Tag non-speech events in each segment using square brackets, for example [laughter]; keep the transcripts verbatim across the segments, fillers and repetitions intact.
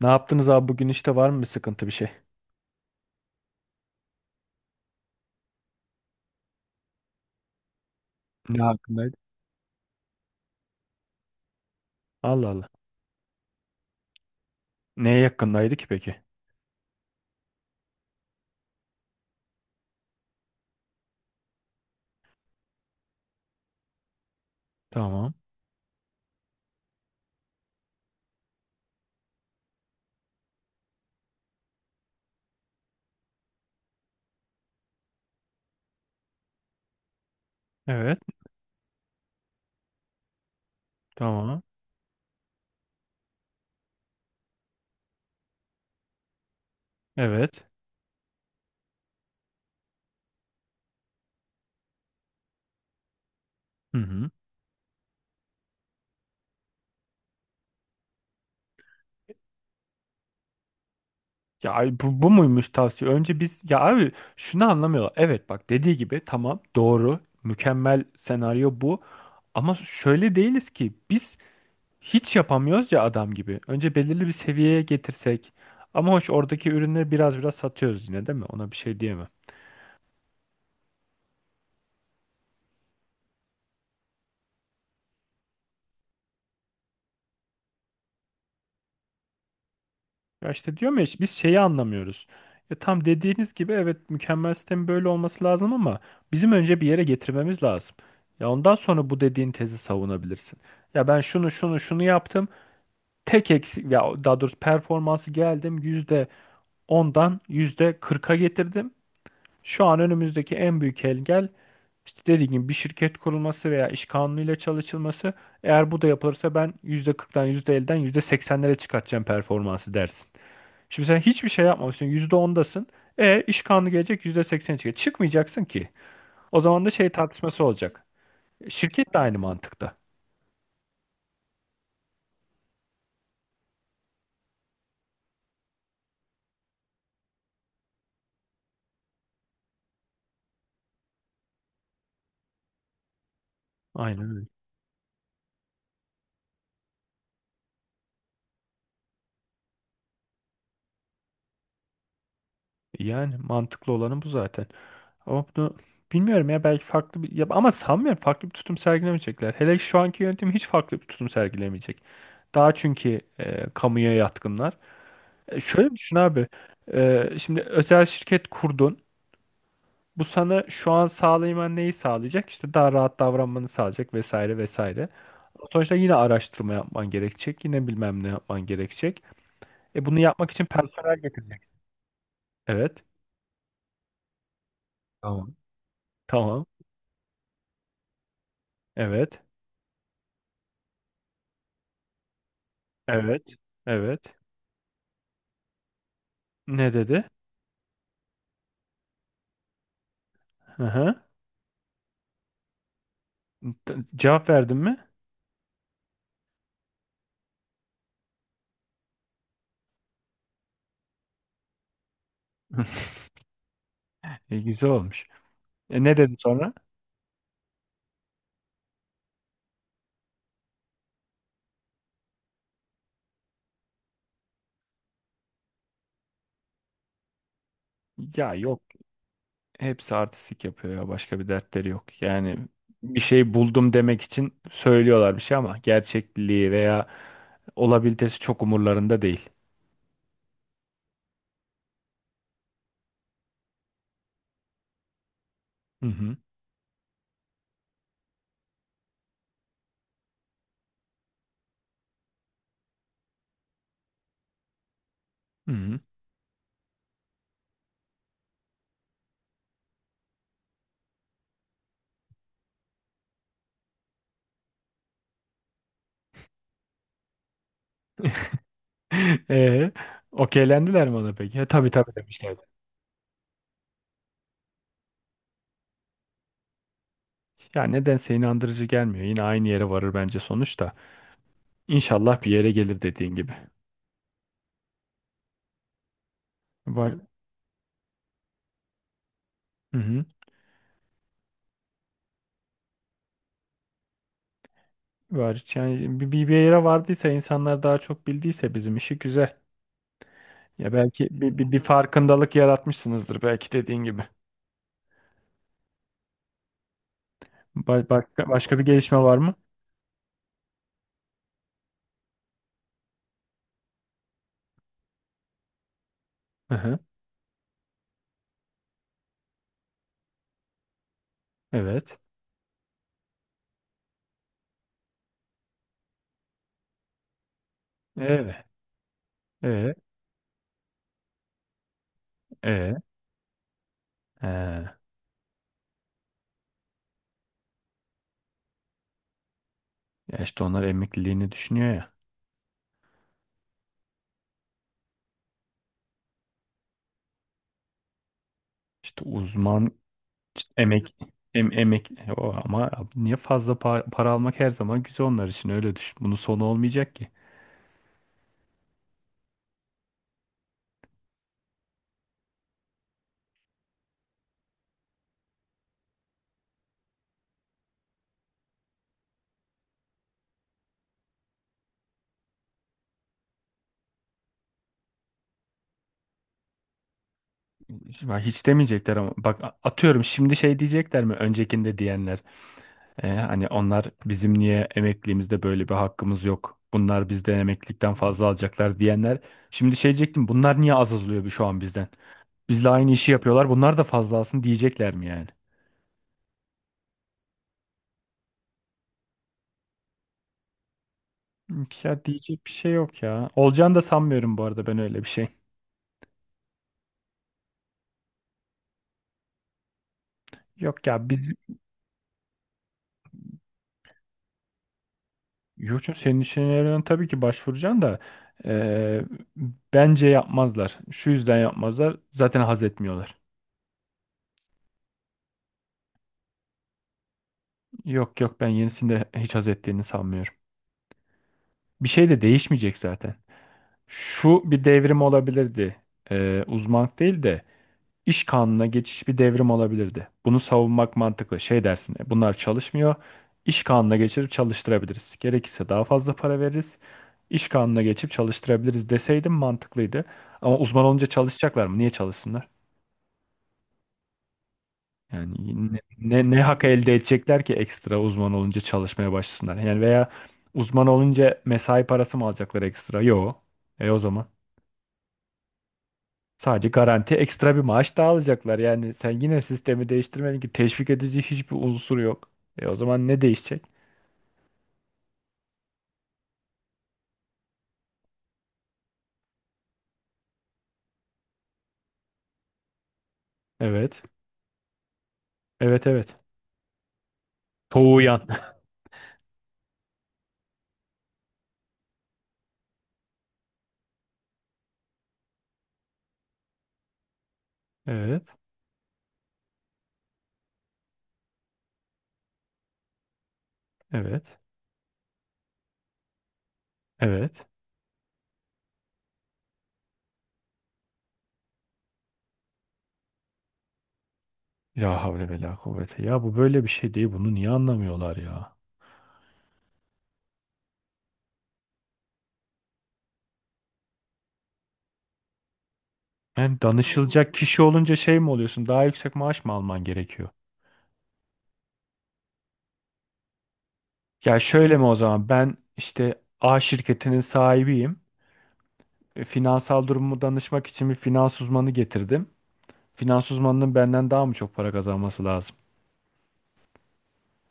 Ne yaptınız abi bugün işte var mı bir sıkıntı bir şey? Ne hakkındaydı? Allah Allah. Neye yakındaydı ki peki? Tamam. Evet. Tamam. Evet. Hı hı. Ya ay, bu, bu muymuş tavsiye? Önce biz ya abi şunu anlamıyorlar. Evet, bak, dediği gibi tamam, doğru, mükemmel senaryo bu. Ama şöyle değiliz ki biz, hiç yapamıyoruz ya adam gibi. Önce belirli bir seviyeye getirsek. Ama hoş, oradaki ürünleri biraz biraz satıyoruz yine, değil mi? Ona bir şey diyemem. Ya işte diyorum ya, işte biz şeyi anlamıyoruz. Ya tam dediğiniz gibi, evet, mükemmel sistemin böyle olması lazım ama bizim önce bir yere getirmemiz lazım. Ya ondan sonra bu dediğin tezi savunabilirsin. Ya ben şunu şunu şunu yaptım. Tek eksik, ya daha doğrusu performansı geldim, yüzde ondan yüzde kırka getirdim. Şu an önümüzdeki en büyük engel işte, dediğim gibi, bir şirket kurulması veya iş kanunuyla çalışılması. Eğer bu da yapılırsa ben yüzde kırktan yüzde seksenlere çıkartacağım performansı dersin. Şimdi sen hiçbir şey yapmamışsın, yüzde ondasın. E, iş kanunu gelecek, yüzde seksene çıkacak. Çıkmayacaksın ki. O zaman da şey tartışması olacak. Şirket de aynı mantıkta. Aynen öyle. Yani mantıklı olanı bu zaten. Ama bunu bilmiyorum ya, belki farklı bir... Ya, ama sanmıyorum, farklı bir tutum sergilemeyecekler. Hele şu anki yönetim hiç farklı bir tutum sergilemeyecek. Daha, çünkü e, kamuya yatkınlar. E, şöyle düşün abi. E, şimdi özel şirket kurdun. Bu sana şu an sağlayman neyi sağlayacak? İşte daha rahat davranmanı sağlayacak, vesaire vesaire. Ama sonuçta yine araştırma yapman gerekecek. Yine bilmem ne yapman gerekecek. E, bunu yapmak için personel getireceksin. Evet. Tamam. Tamam. Evet. Evet. Evet. Ne dedi? Hı hı. T- Cevap verdin mi? [laughs] E, güzel olmuş. E, ne dedi sonra? Ya yok, hepsi artistik yapıyor ya. Başka bir dertleri yok. Yani bir şey buldum demek için söylüyorlar bir şey ama gerçekliği veya olabilitesi çok umurlarında değil. Hı hı. Hı hı. [laughs] Ee, Okeylendiler mi ona peki? E, tabii tabii demişlerdi. Ya nedense inandırıcı gelmiyor. Yine aynı yere varır bence sonuçta. İnşallah bir yere gelir dediğin gibi. Var. Hı hı. Var. Yani bir, bir bir yere vardıysa, insanlar daha çok bildiyse, bizim işi güzel. Ya belki bir, bir, bir farkındalık yaratmışsınızdır, belki dediğin gibi. Ba- başka, başka bir gelişme var mı? Hı hı. Evet. Evet. Evet. Evet. Ee, Ya işte onlar emekliliğini düşünüyor ya. İşte uzman, işte emek, em, emek, e, o ama abi niye, fazla pa- para almak her zaman güzel onlar için, öyle düşün. Bunun sonu olmayacak ki. Ya hiç demeyecekler, ama bak, a- atıyorum, şimdi şey diyecekler mi, öncekinde diyenler, Ee, hani onlar, bizim niye emekliliğimizde böyle bir hakkımız yok, bunlar bizden emeklilikten fazla alacaklar diyenler, şimdi şey diyecektim, bunlar niye az alıyor şu an bizden? Bizle aynı işi yapıyorlar. Bunlar da fazla alsın diyecekler mi yani? Ya diyecek bir şey yok ya. Olacağını da sanmıyorum bu arada ben, öyle bir şey. Yok ya biz, yok canım, senin işine tabii ki başvuracaksın da eee, bence yapmazlar. Şu yüzden yapmazlar. Zaten haz etmiyorlar. Yok yok, ben yenisinde hiç haz ettiğini sanmıyorum. Bir şey de değişmeyecek zaten. Şu bir devrim olabilirdi. Eee uzmanlık değil de İş kanununa geçiş bir devrim olabilirdi. Bunu savunmak mantıklı. Şey dersin, "E, bunlar çalışmıyor. İş kanununa geçirip çalıştırabiliriz. Gerekirse daha fazla para veririz. İş kanununa geçip çalıştırabiliriz" deseydim mantıklıydı. Ama uzman olunca çalışacaklar mı? Niye çalışsınlar? Yani ne, ne, ne hak elde edecekler ki ekstra, uzman olunca çalışmaya başlasınlar? Yani veya uzman olunca mesai parası mı alacaklar ekstra? Yok. E, o zaman. Sadece garanti ekstra bir maaş daha alacaklar. Yani sen yine sistemi değiştirmedin ki, teşvik edici hiçbir unsur yok. E, o zaman ne değişecek? Evet. Evet evet. Soğuyan. [laughs] Evet. Evet. Evet. Ya havle ve la kuvvete. Ya bu böyle bir şey değil. Bunu niye anlamıyorlar ya? Yani danışılacak kişi olunca şey mi oluyorsun? Daha yüksek maaş mı alman gerekiyor? Ya şöyle mi o zaman? Ben işte A şirketinin sahibiyim. E, finansal durumumu danışmak için bir finans uzmanı getirdim. Finans uzmanının benden daha mı çok para kazanması lazım?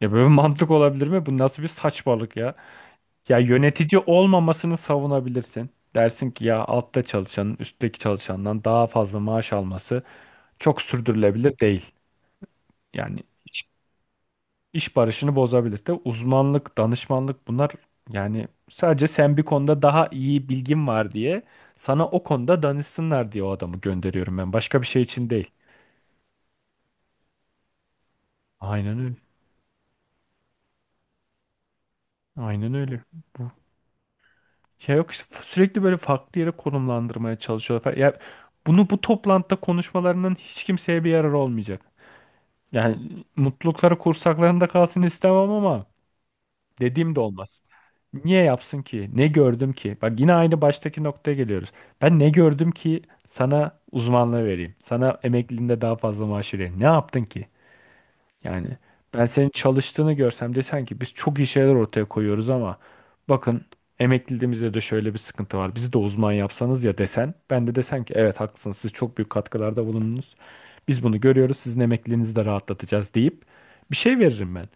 Ya böyle bir mantık olabilir mi? Bu nasıl bir saçmalık ya? Ya yönetici olmamasını savunabilirsin. Dersin ki ya altta çalışanın üstteki çalışandan daha fazla maaş alması çok sürdürülebilir değil. Yani iş, iş barışını bozabilir de, uzmanlık, danışmanlık, bunlar, yani sadece sen bir konuda daha iyi bilgin var diye, sana o konuda danışsınlar diye o adamı gönderiyorum ben. Başka bir şey için değil. Aynen öyle. Aynen öyle. Bu. Ya yok işte, sürekli böyle farklı yere konumlandırmaya çalışıyorlar falan. Ya bunu bu toplantıda konuşmalarının hiç kimseye bir yararı olmayacak. Yani mutlulukları kursaklarında kalsın istemem ama dediğim de olmaz. Niye yapsın ki? Ne gördüm ki? Bak, yine aynı baştaki noktaya geliyoruz. Ben ne gördüm ki sana uzmanlığı vereyim? Sana emekliliğinde daha fazla maaş vereyim? Ne yaptın ki? Yani ben senin çalıştığını görsem, desen ki biz çok iyi şeyler ortaya koyuyoruz ama bakın, emekliliğimizde de şöyle bir sıkıntı var, bizi de uzman yapsanız ya desen, ben de desem ki evet haklısınız, siz çok büyük katkılarda bulundunuz. Biz bunu görüyoruz, sizin emekliliğinizi de rahatlatacağız deyip bir şey veririm ben.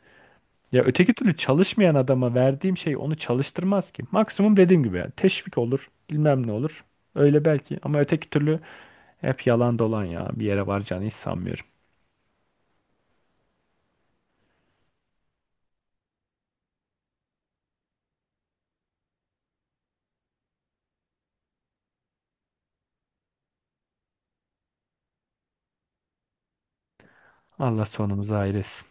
Ya öteki türlü çalışmayan adama verdiğim şey onu çalıştırmaz ki. Maksimum dediğim gibi yani teşvik olur, bilmem ne olur. Öyle belki, ama öteki türlü hep yalan dolan, ya bir yere varacağını hiç sanmıyorum. Allah sonumuzu hayretsin.